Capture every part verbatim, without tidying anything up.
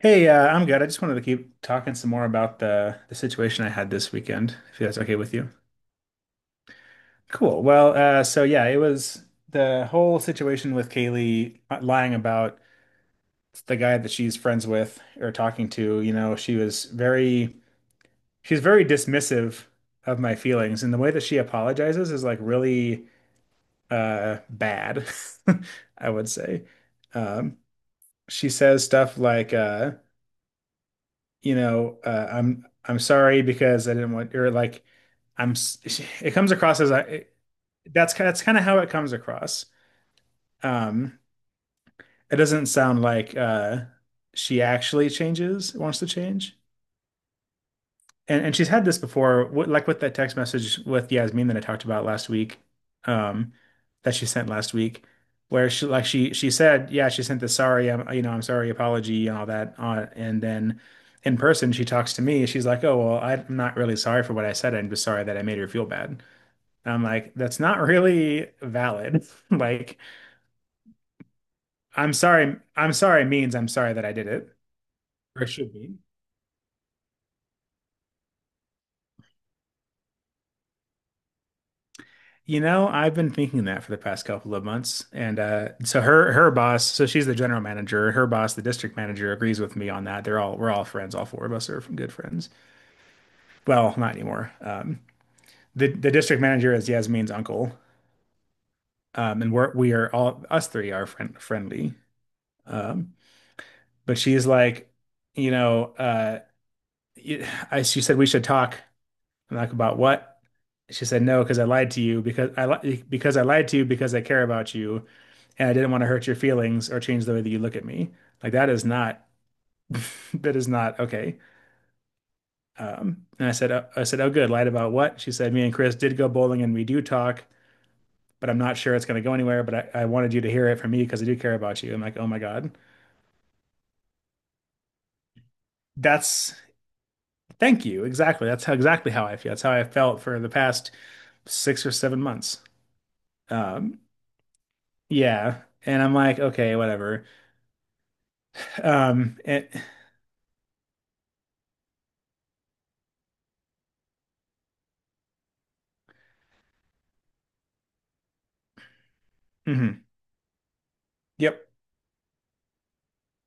Hey, uh, I'm good. I just wanted to keep talking some more about the the situation I had this weekend, if that's okay with you. Cool. Well, uh, so yeah, it was the whole situation with Kaylee uh, lying about the guy that she's friends with or talking to. You know, she was very she's very dismissive of my feelings, and the way that she apologizes is like really uh, bad, I would say. Um, she says stuff like, uh, you know, uh, I'm I'm sorry because I didn't want or like I'm s- it comes across as I it, that's ki- that's kind of how it comes across. Um, it doesn't sound like uh she actually changes, wants to change. and and she's had this before, wh- like with that text message with Yasmin that I talked about last week, um, that she sent last week, where she like she she said, yeah, she sent the sorry, I'm you know I'm sorry apology and all that on, and then in person she talks to me, she's like, oh well, I'm not really sorry for what I said, I'm just sorry that I made her feel bad. And I'm like, that's not really valid. Like, I'm sorry, I'm sorry means I'm sorry that I did it, or it should be. You know, I've been thinking that for the past couple of months. And uh, so her her boss, so she's the general manager. Her boss, the district manager, agrees with me on that. They're all we're all friends. All four of us are good friends. Well, not anymore. Um, the the district manager is Yasmin's uncle, um, and we're we are all us three are friend, friendly. Um, but she's like, you know, uh, y- I, she said we should talk. I'm like, about what? She said, no, because I lied to you because I li because I lied to you because I care about you, and I didn't want to hurt your feelings or change the way that you look at me. Like that is not that is not okay. Um, and I said, uh, I said, oh, good. Lied about what? She said, me and Chris did go bowling and we do talk, but I'm not sure it's going to go anywhere. But I, I wanted you to hear it from me because I do care about you. I'm like, oh my God, that's thank you. Exactly. That's how exactly how I feel. That's how I felt for the past six or seven months. Um, Yeah. And I'm like, okay, whatever. Um, it, mhm. Yep.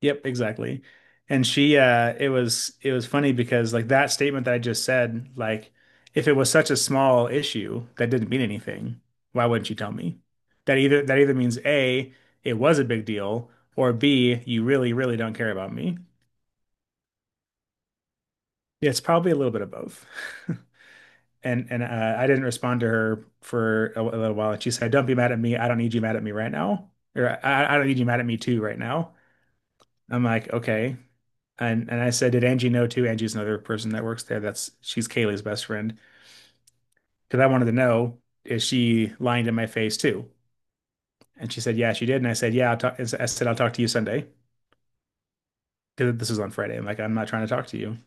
Yep, exactly. And she uh it was it was funny because like that statement that I just said, like if it was such a small issue that didn't mean anything, why wouldn't you tell me? That either that either means A, it was a big deal, or B, you really, really don't care about me. It's probably a little bit of both. and and uh, I didn't respond to her for a, a little while, and she said, "Don't be mad at me. I don't need you mad at me right now, or I, I don't need you mad at me too right now." I'm like, okay, and and I said, "Did Angie know too?" Angie's another person that works there. That's She's Kaylee's best friend because I wanted to know is she lying to my face too? And she said, "Yeah, she did." And I said, "Yeah, I'll talk." I said, "I'll talk to you Sunday because this was on Friday." I'm like, "I'm not trying to talk to you."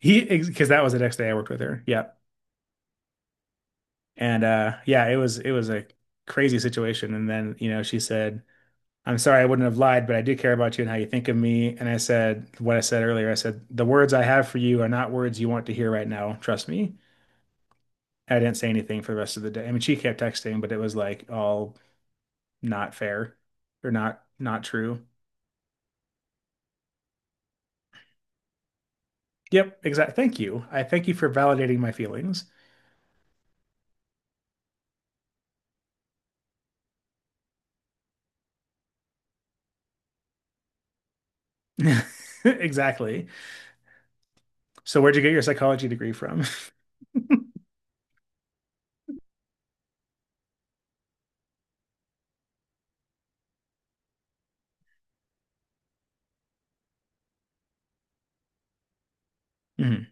He because that was the next day I worked with her. Yeah, and uh, yeah, it was it was a crazy situation. And then you know she said I'm sorry I wouldn't have lied, but I do care about you and how you think of me. And I said what I said earlier. I said, the words I have for you are not words you want to hear right now. Trust me. I didn't say anything for the rest of the day. I mean, she kept texting, but it was like all not fair or not not true. Yep, exactly. Thank you. I thank you for validating my feelings. Exactly. So where'd you get your psychology degree from? Mhm.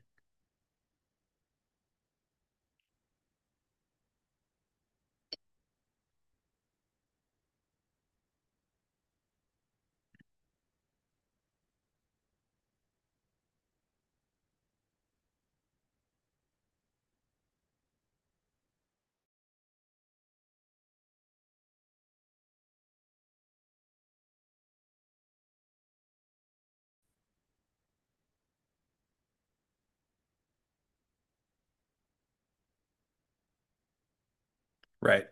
Right.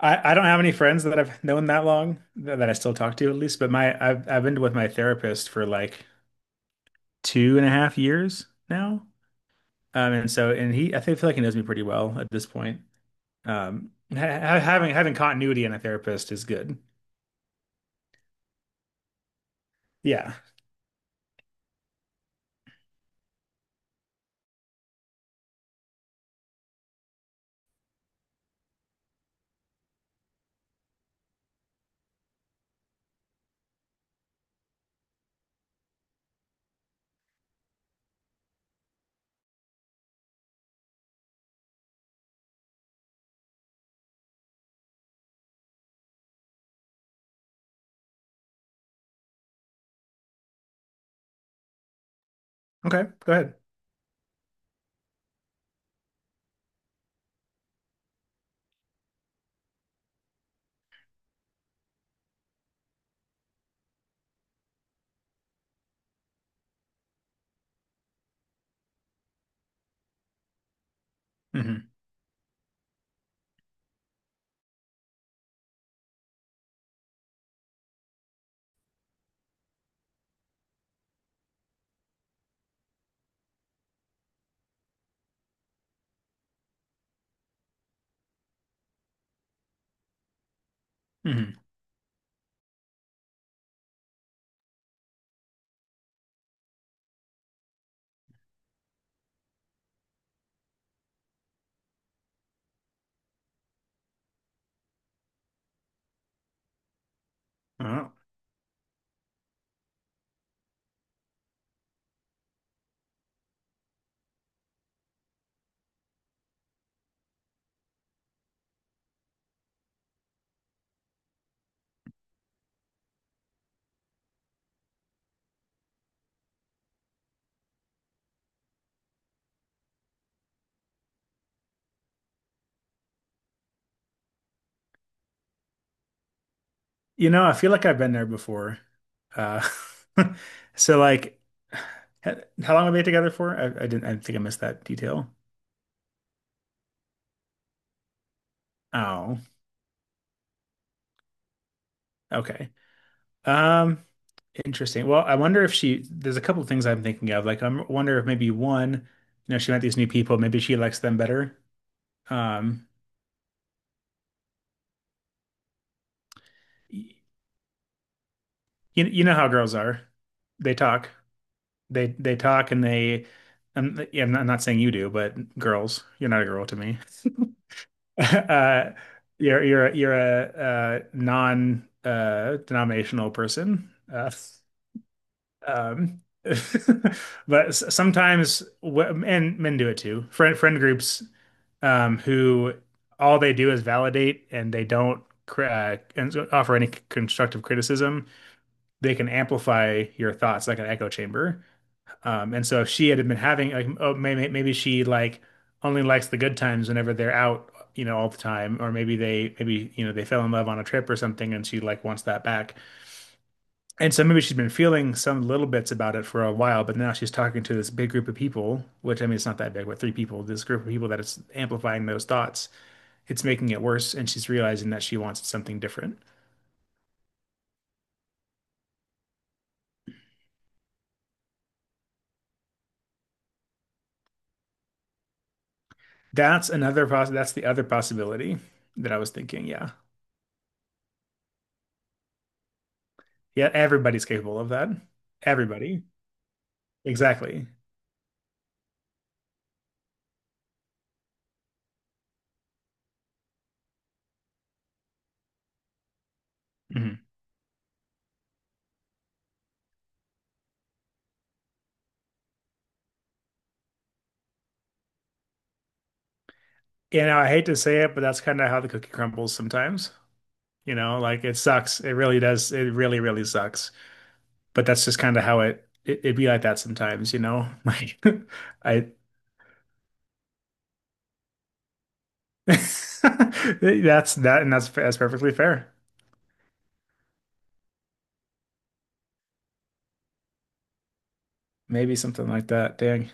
I, I don't have any friends that I've known that long that, that I still talk to at least, but my I've I've been with my therapist for like two and a half years now. Um, and so and he I think feel like he knows me pretty well at this point. Um, ha ha- having having continuity in a therapist is good. Yeah. Okay. Go ahead. hmm hmm Well, you know, I feel like I've been there before. Uh, so like, h- how long have we been together for? I, I didn't I think I missed that detail. Oh, okay. Um. Interesting. Well, I wonder if she, there's a couple of things I'm thinking of. Like, I wonder if maybe one, you know, she met these new people, maybe she likes them better. Um, y- you, you know how girls are. They talk. They they talk and they, um, like, yeah, I'm not, I'm not saying you do, but girls, you're not a girl to me. Uh, you're you're you're a, uh non uh denominational person. Uh, Um, but s- sometimes, wh- and men do it too. Friend friend groups, um, who all they do is validate and they don't cr- uh, cons- offer any c- constructive criticism. They can amplify your thoughts like an echo chamber. Um, and so if she had been having like, oh, maybe maybe she like only likes the good times whenever they're out, you know, all the time, or maybe they maybe you know they fell in love on a trip or something, and she like wants that back. And so maybe she's been feeling some little bits about it for a while, but now she's talking to this big group of people, which I mean, it's not that big, but three people, this group of people that is amplifying those thoughts. It's making it worse, and she's realizing that she wants something different. That's another poss that's the other possibility that I was thinking. Yeah. Yeah, everybody's capable of that. Everybody. Exactly. Mhm. You know, I hate to say it, but that's kind of how the cookie crumbles sometimes. You know, like it sucks. It really does. It really, really sucks. But that's just kind of how it, it it'd be like that sometimes, you know? Like I that's that and that's that's perfectly fair. Maybe something like that. Dang.